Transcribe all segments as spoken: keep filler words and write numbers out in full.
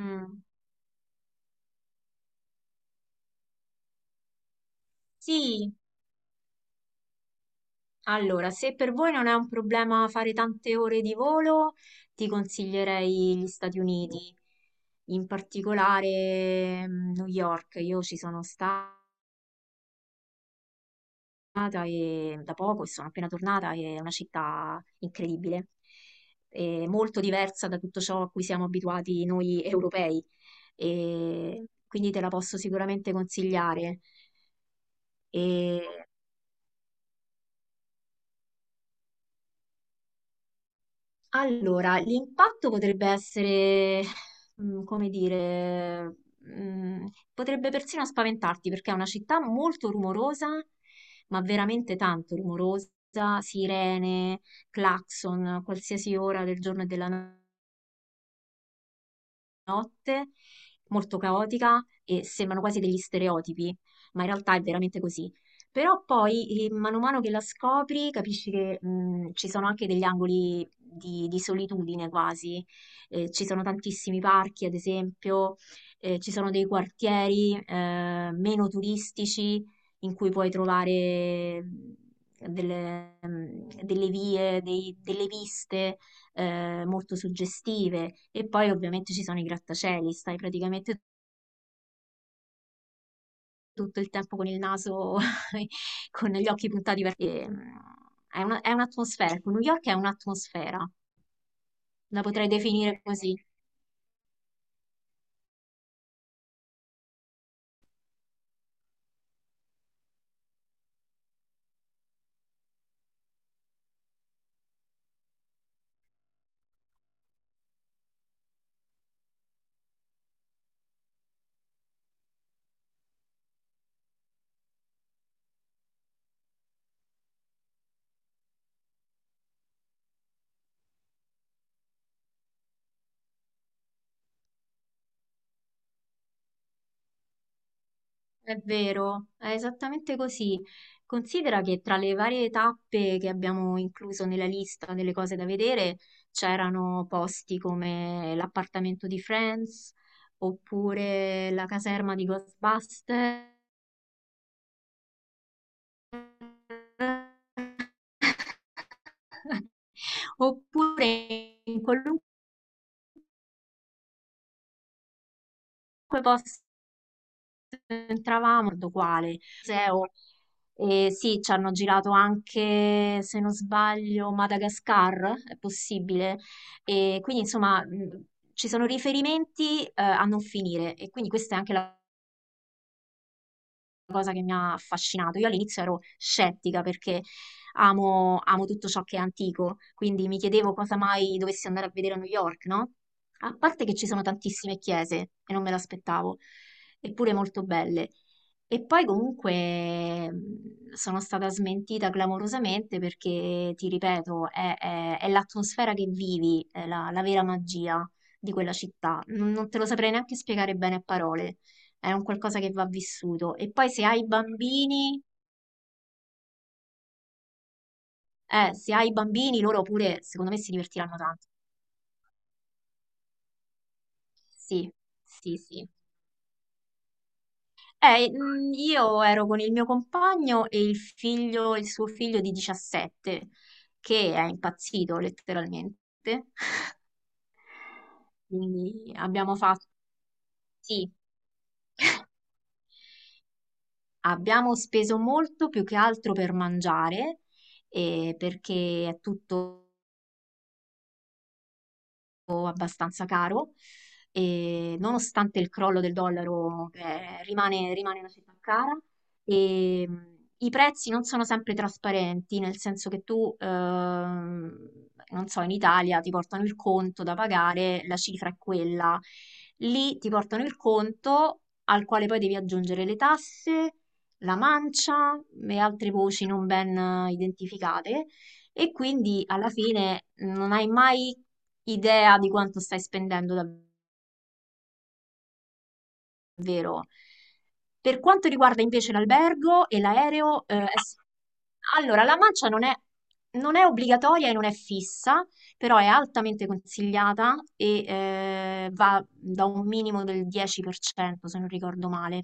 Mm, Sì, allora, se per voi non è un problema fare tante ore di volo, ti consiglierei gli Stati Uniti, in particolare mm, New York. Io ci sono stata e- da poco e sono appena tornata e è una città incredibile, e molto diversa da tutto ciò a cui siamo abituati noi europei, e quindi te la posso sicuramente consigliare. E Allora, l'impatto potrebbe essere, mm, come dire, mm, potrebbe persino spaventarti perché è una città molto rumorosa, ma veramente tanto rumorosa, sirene, clacson, qualsiasi ora del giorno e della notte notte, molto caotica e sembrano quasi degli stereotipi, ma in realtà è veramente così. Però poi, eh, mano a mano che la scopri, capisci che mh, ci sono anche degli angoli di, di solitudine quasi. Eh, ci sono tantissimi parchi, ad esempio, eh, ci sono dei quartieri eh, meno turistici in cui puoi trovare mh, delle, mh, delle vie, dei- delle viste eh, molto suggestive. E poi ovviamente ci sono i grattacieli, stai praticamente tutto il tempo con il naso, con gli occhi puntati per... e, mm, è una- è un'atmosfera, ecco, New York è un'atmosfera, la potrei definire così. È vero, è esattamente così. Considera che tra le varie tappe che abbiamo incluso nella lista delle cose da vedere c'erano posti come l'appartamento di Friends oppure la caserma di Ghostbusters. Oppure in qualunque posto entravamo, guardo quale, museo, e sì, ci hanno girato anche, se non sbaglio, Madagascar, è possibile. E quindi, insomma, mh, ci sono riferimenti, eh, a non finire e quindi questa è anche la cosa che mi ha affascinato. Io all'inizio ero scettica perché amo, amo tutto ciò che è antico, quindi mi chiedevo cosa mai dovessi andare a vedere a New York, no? A parte che ci sono tantissime chiese e non me l'aspettavo, eppure molto belle. E poi comunque mh, sono stata smentita clamorosamente perché, ti ripeto, è, è- è l'atmosfera che vivi, è la, la vera magia di quella città. Non non te lo saprei neanche spiegare bene a parole, è un qualcosa che va vissuto. E poi se hai bambini, eh, se hai bambini, loro pure, secondo me, si divertiranno tanto. Sì, sì, sì. Eh, mm, io ero con il mio compagno e il figlio, il suo figlio di diciassette, che è impazzito letteralmente. Quindi abbiamo fatto, sì, abbiamo speso molto più che altro per mangiare, eh, perché è tutto abbastanza caro e nonostante il crollo del dollaro eh, rimane, rimane una città cara e mh, i prezzi non sono sempre trasparenti, nel senso che tu, ehm, non so, in Italia ti portano il conto da pagare, la cifra è quella, lì ti portano il conto al quale poi devi aggiungere le tasse, la mancia e altre voci non ben eh, identificate. E quindi alla fine non hai mai idea di quanto stai spendendo davvero. Per quanto riguarda invece l'albergo e l'aereo, eh, è s- allora la mancia non è, non è obbligatoria e non è fissa, però è altamente consigliata e eh, va da un minimo del dieci per cento, se non ricordo male.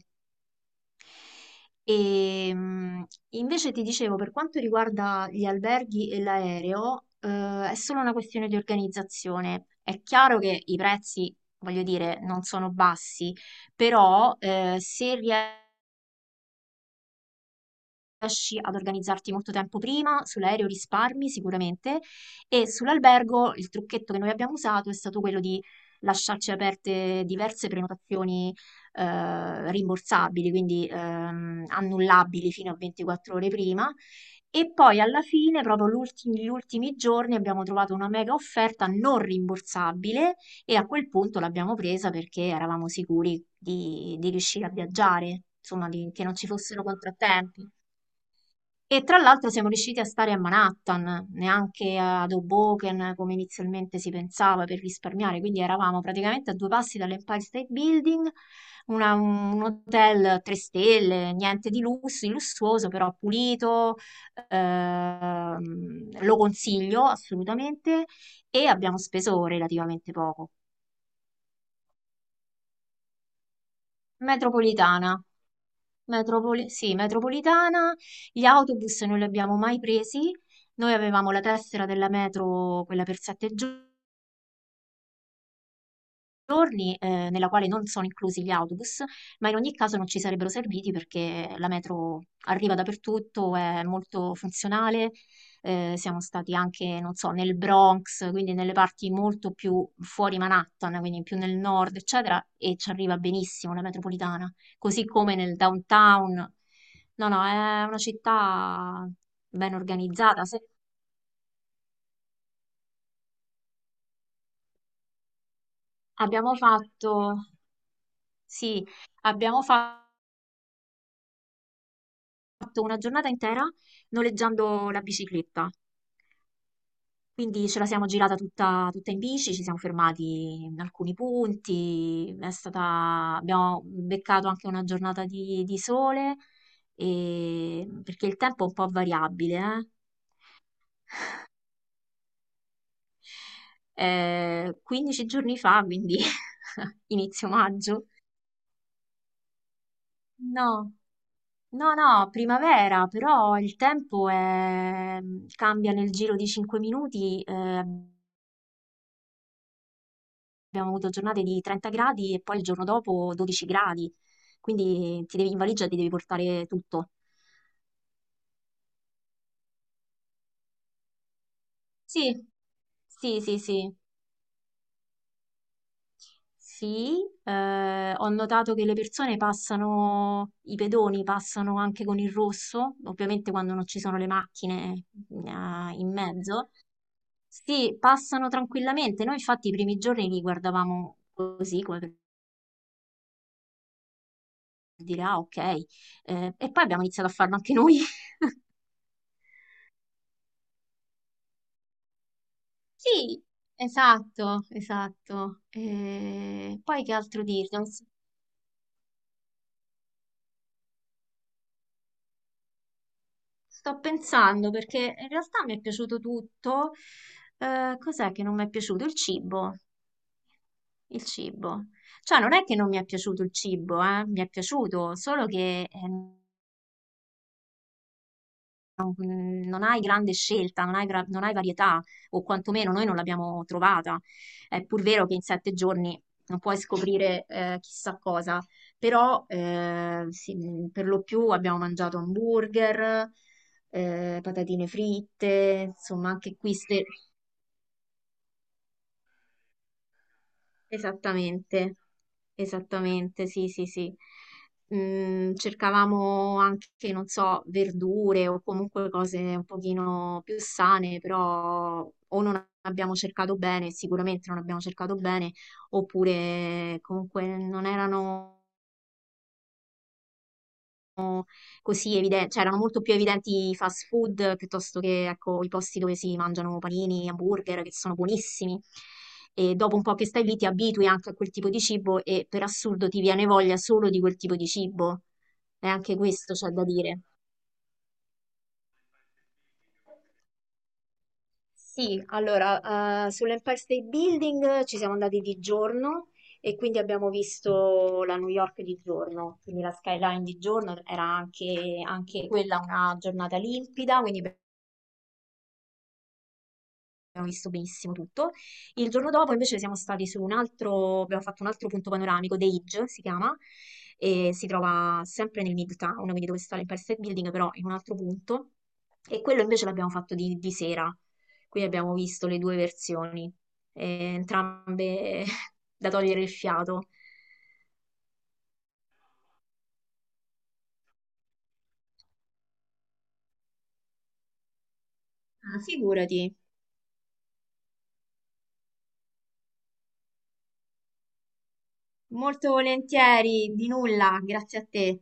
E, mh, invece ti dicevo, per quanto riguarda gli alberghi e l'aereo, eh, è solo una questione di organizzazione. È chiaro che i prezzi, voglio dire, non sono bassi, però eh, se riesci riesci ad organizzarti molto tempo prima, sull'aereo risparmi sicuramente e sull'albergo il trucchetto che noi abbiamo usato è stato quello di lasciarci aperte diverse prenotazioni eh, rimborsabili, quindi ehm, annullabili fino a ventiquattro ore prima. E poi alla fine, proprio l'ulti- gli ultimi giorni, abbiamo trovato una mega offerta non rimborsabile e a quel punto l'abbiamo presa perché eravamo sicuri di, di riuscire a viaggiare, insomma, di- che non ci fossero contrattempi. E tra l'altro siamo riusciti a stare a Manhattan, neanche ad Hoboken come inizialmente si pensava per risparmiare, quindi eravamo praticamente a due passi dall'Empire State Building, una- un hotel tre stelle, niente di lusso, di lussuoso, però pulito, ehm, lo consiglio assolutamente e abbiamo speso relativamente poco. Metropolitana. Metropoli- sì, metropolitana, gli autobus non li abbiamo mai presi, noi avevamo la tessera della metro, quella per sette giorni, giorni, ehm, nella quale non sono inclusi gli autobus, ma in ogni caso non ci sarebbero serviti perché la metro arriva dappertutto, è molto funzionale. Eh, siamo stati anche, non so, nel Bronx, quindi nelle parti molto più fuori Manhattan, quindi più nel nord, eccetera, e ci arriva benissimo la metropolitana, così come nel downtown. No, no, è una città ben organizzata. Se- abbiamo fatto, sì, abbiamo fatto fatto una giornata intera noleggiando la bicicletta. Quindi ce la siamo girata tutta, tutta in bici, ci siamo fermati in alcuni punti, è stata- abbiamo beccato anche una giornata di, di sole, e- perché il tempo è un po' variabile, eh. Eh, quindici giorni fa, quindi inizio maggio. No, no, no, primavera, però il tempo è- cambia nel giro di cinque minuti. eh, Abbiamo avuto giornate di trenta gradi e poi il giorno dopo dodici gradi, quindi ti devi, in valigia ti devi portare tutto. Sì, sì, sì, sì, sì. Eh, ho notato che le persone passano, i pedoni passano anche con il rosso, ovviamente quando non ci sono le macchine eh, in mezzo. Sì, passano tranquillamente. Noi infatti i primi giorni li guardavamo così, come per dire, ah, ok. Eh, e poi abbiamo iniziato a farlo anche noi. Sì, esatto, esatto. E poi che altro dirti? Non s- Sto pensando perché in realtà mi è piaciuto tutto. Eh, cos'è che non mi è piaciuto? Il cibo. Il cibo. Cioè, non è che non mi è piaciuto il cibo, eh, mi è piaciuto, solo che eh, mm, non hai grande scelta, non hai, gra- non hai varietà, o quantomeno noi non l'abbiamo trovata. È pur vero che in sette giorni non puoi scoprire eh, chissà cosa, però eh, sì, mm, per lo più abbiamo mangiato hamburger, eh, patatine fritte, insomma anche qui ste- esattamente, esattamente, sì, sì, sì. Mm, cercavamo anche, non so, verdure o comunque cose un pochino più sane, però o non abbiamo cercato bene, sicuramente non abbiamo cercato bene, oppure comunque non erano così evidenti, cioè erano molto più evidenti i fast food piuttosto che ecco, i posti dove si mangiano panini, hamburger, che sono buonissimi. E dopo un po' che stai lì ti abitui anche a quel tipo di cibo e per assurdo ti viene voglia solo di quel tipo di cibo. E anche questo c'è da dire. Sì, allora, eh, sull'Empire State Building ci siamo andati di giorno e quindi abbiamo visto la New York di giorno, quindi la skyline di giorno era anche, anche quella una giornata limpida, quindi abbiamo visto benissimo tutto. Il giorno dopo invece siamo stati su un altro, abbiamo fatto un altro punto panoramico, The Edge si chiama, e si trova sempre nel Midtown, quindi dove sta l'Empire State Building, però in un altro punto. E quello invece l'abbiamo fatto di, di sera, quindi abbiamo visto le due versioni, eh, entrambe da togliere il fiato. Ah, figurati, molto volentieri, di nulla, grazie a te.